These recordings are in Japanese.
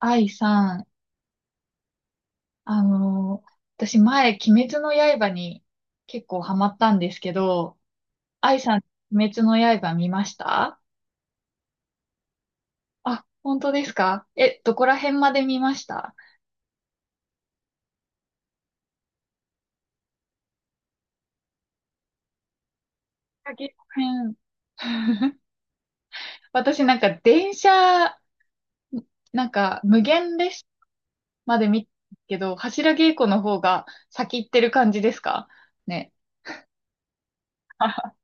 愛さん、私前、鬼滅の刃に結構ハマったんですけど、愛さん、鬼滅の刃見ました？あ、本当ですか？え、どこら辺まで見ました？先編。私なんか電車、なんか無限列車まで見たんですけど、柱稽古の方が先行ってる感じですかね。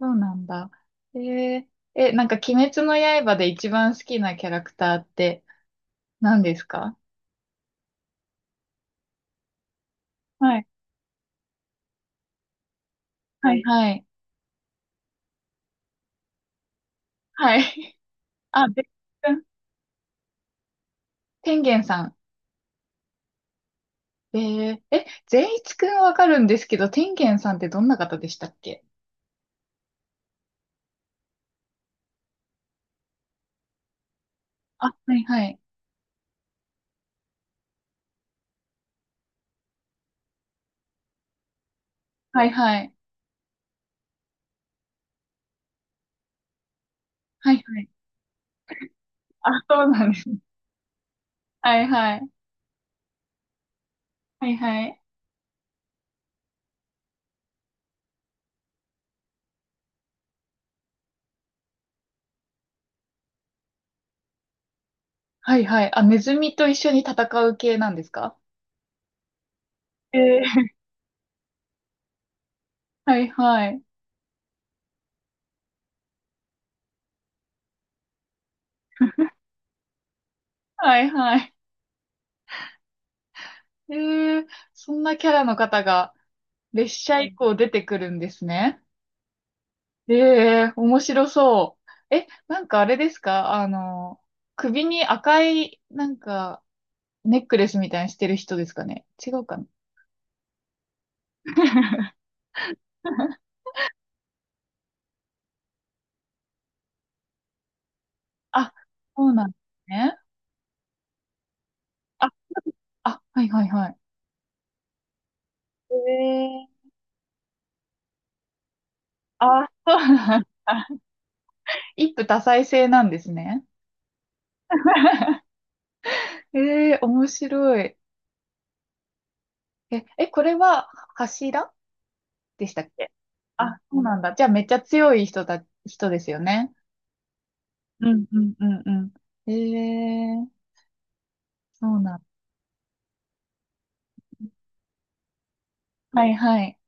そうなんだ。えーえ、なんか鬼滅の刃で一番好きなキャラクターって何ですか？はい、はい。はい、はい。あ、天元さん。え、善一くんわかるんですけど、天元さんってどんな方でしたっけ？あ、はい、はい、はい、はい、はい、はい。あ、そうなんです。はい、はい、はい、はい。はい、はい。あ、ネズミと一緒に戦う系なんですか？えー、はい、はい、はい、はい。えー、そんなキャラの方が列車以降出てくるんですね。ええ面白そう。え、なんかあれですか？首に赤い、なんか、ネックレスみたいにしてる人ですかね？違うかな？ あ、そうなんですね。あ、あ、はいはいはい。ええあ、そうなんだ。一夫多妻制なんですね。ええ面白い。え、これは柱でしたっけ？あ、そうなんだ。じゃあめっちゃ強い人だ、人ですよね。うんうんうんうん。ええそうなん。はいはい。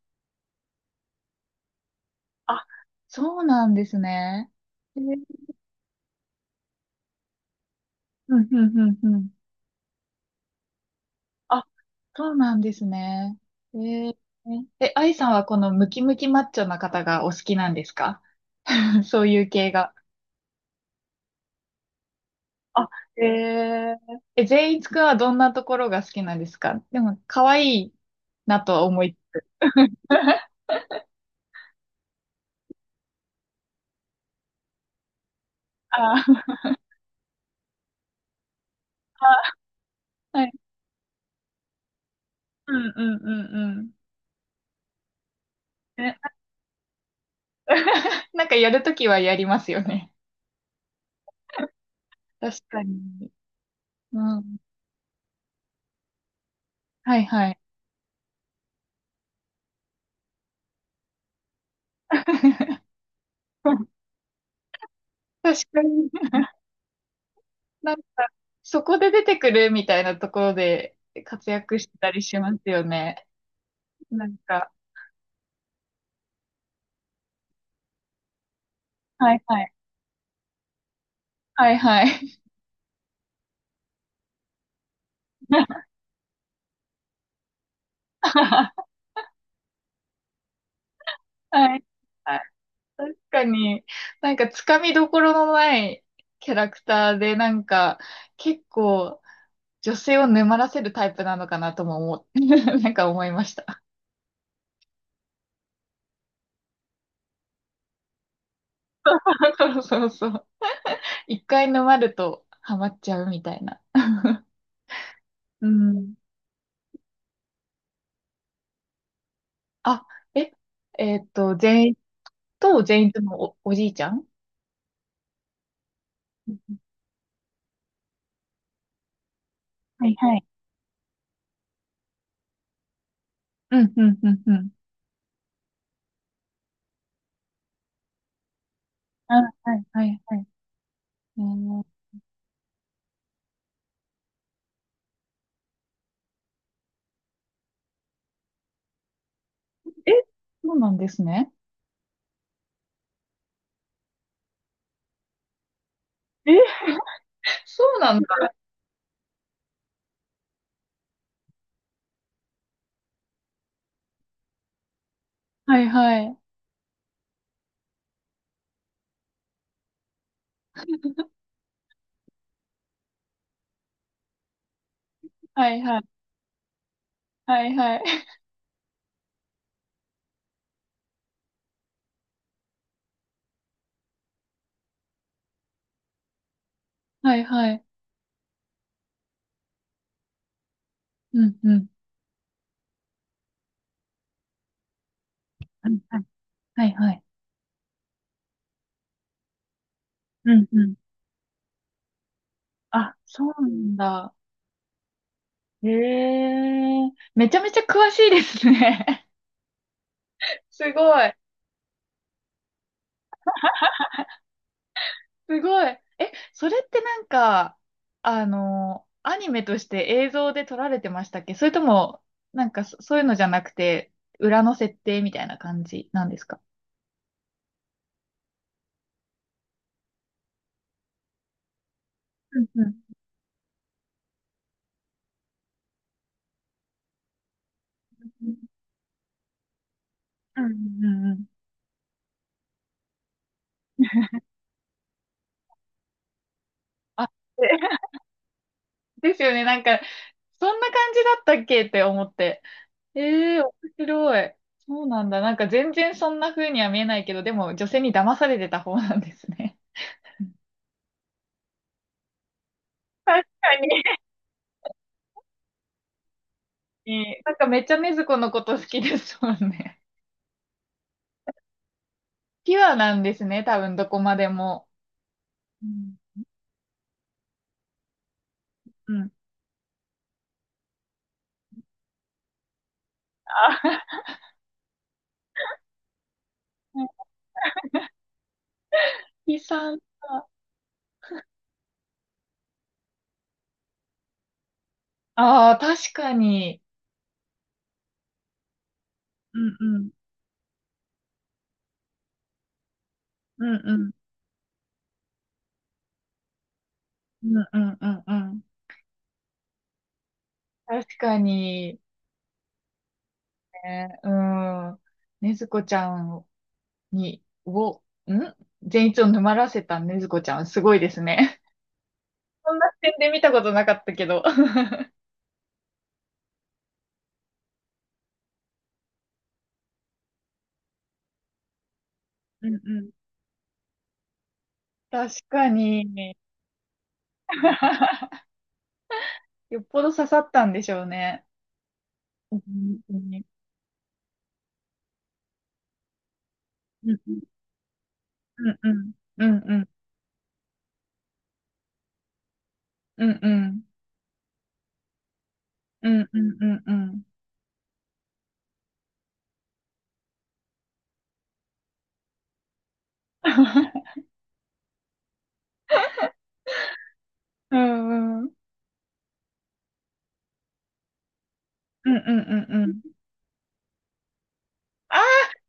あ、そうなんですね。えー、うんうんうんうん。あ、そうなんですね。えー、え、愛さんはこのムキムキマッチョな方がお好きなんですか？ そういう系が。あ、えー、え、善逸くんはどんなところが好きなんですか？でも、可愛いなとは思い。あー、はい。うんうんうんうん。なんかやるときはやりますよね。確かに。うん。はいはい。確かに。なんか、そこで出てくるみたいなところで活躍してたりしますよね。なんか、はいはい。はいはい。はい。はい確かに、なんかつかみどころのないキャラクターで、なんか結構女性を沼らせるタイプなのかなとも思っ、なんか思いました。そうそうそう。一回沼るとハマっちゃうみたいな。うん。あ、え、善逸と善逸のおじいちゃん。はいはい。うん、うん、うん、うん。あ、はい、はい、はい。えーえ、そうなんですね。え、そうなんだ。はいはい。はいはい。はいはい。はいはい。うん、うん。はいはい。はいはい。うん、うん。あ、そうなんだ。へえ。めちゃめちゃ詳しいですね。すごい。すごい。え、それってなんか、アニメとして映像で撮られてましたっけ？それとも、なんかそういうのじゃなくて、裏の設定みたいな感じなんですか？うんうん。うんうんうん。あ、でですよね。なんか、そんな感じだったっけって思って。ええ面白い。そうなんだ。なんか全然そんな風には見えないけど、でも女性に騙されてた方なんですね。確かに。ええなんかめっちゃ禰豆子のこと好きですもんね。ピュアなんですね、多分どこまでも。うん。うん。あ、木さんは、ああ、確かに。うんうん。うんうん。うんうんうんうん。確かに、ね、うん。ねずこちゃんに、を、ん善逸を沼らせたねずこちゃん、すごいですね。そんな視点で見たことなかったけど。うんうん。確かに。よっぽど刺さったんでしょうね。うんうんうんうんうんうんうんうんうんうん。うんうんうんうん。うんうん。うんうんうんうん。ああ、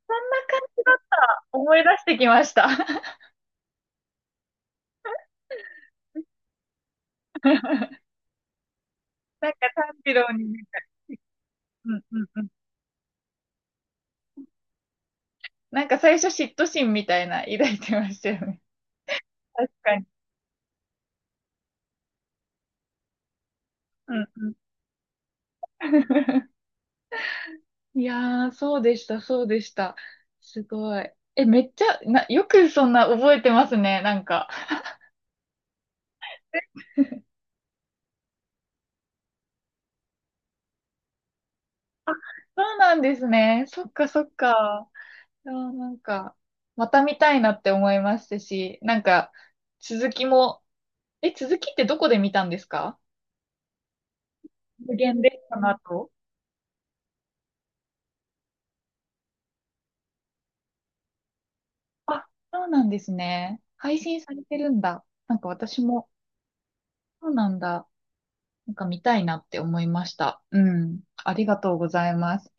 そんな感じだった思い出してきました。なんか炭治郎に、うんうんうん。なんか最初嫉妬心みたいな抱いてましたよね。確かに。うんうん。いやー、そうでした、そうでした。すごい。え、めっちゃ、よくそんな覚えてますね、なんか。そうなんですね。そっかそっか。いなんか、また見たいなって思いましたし、なんか、続きも、え、続きってどこで見たんですか？無限列車の後。あ、そうなんですね。配信されてるんだ。なんか私も、そうなんだ。なんか見たいなって思いました。うん。ありがとうございます。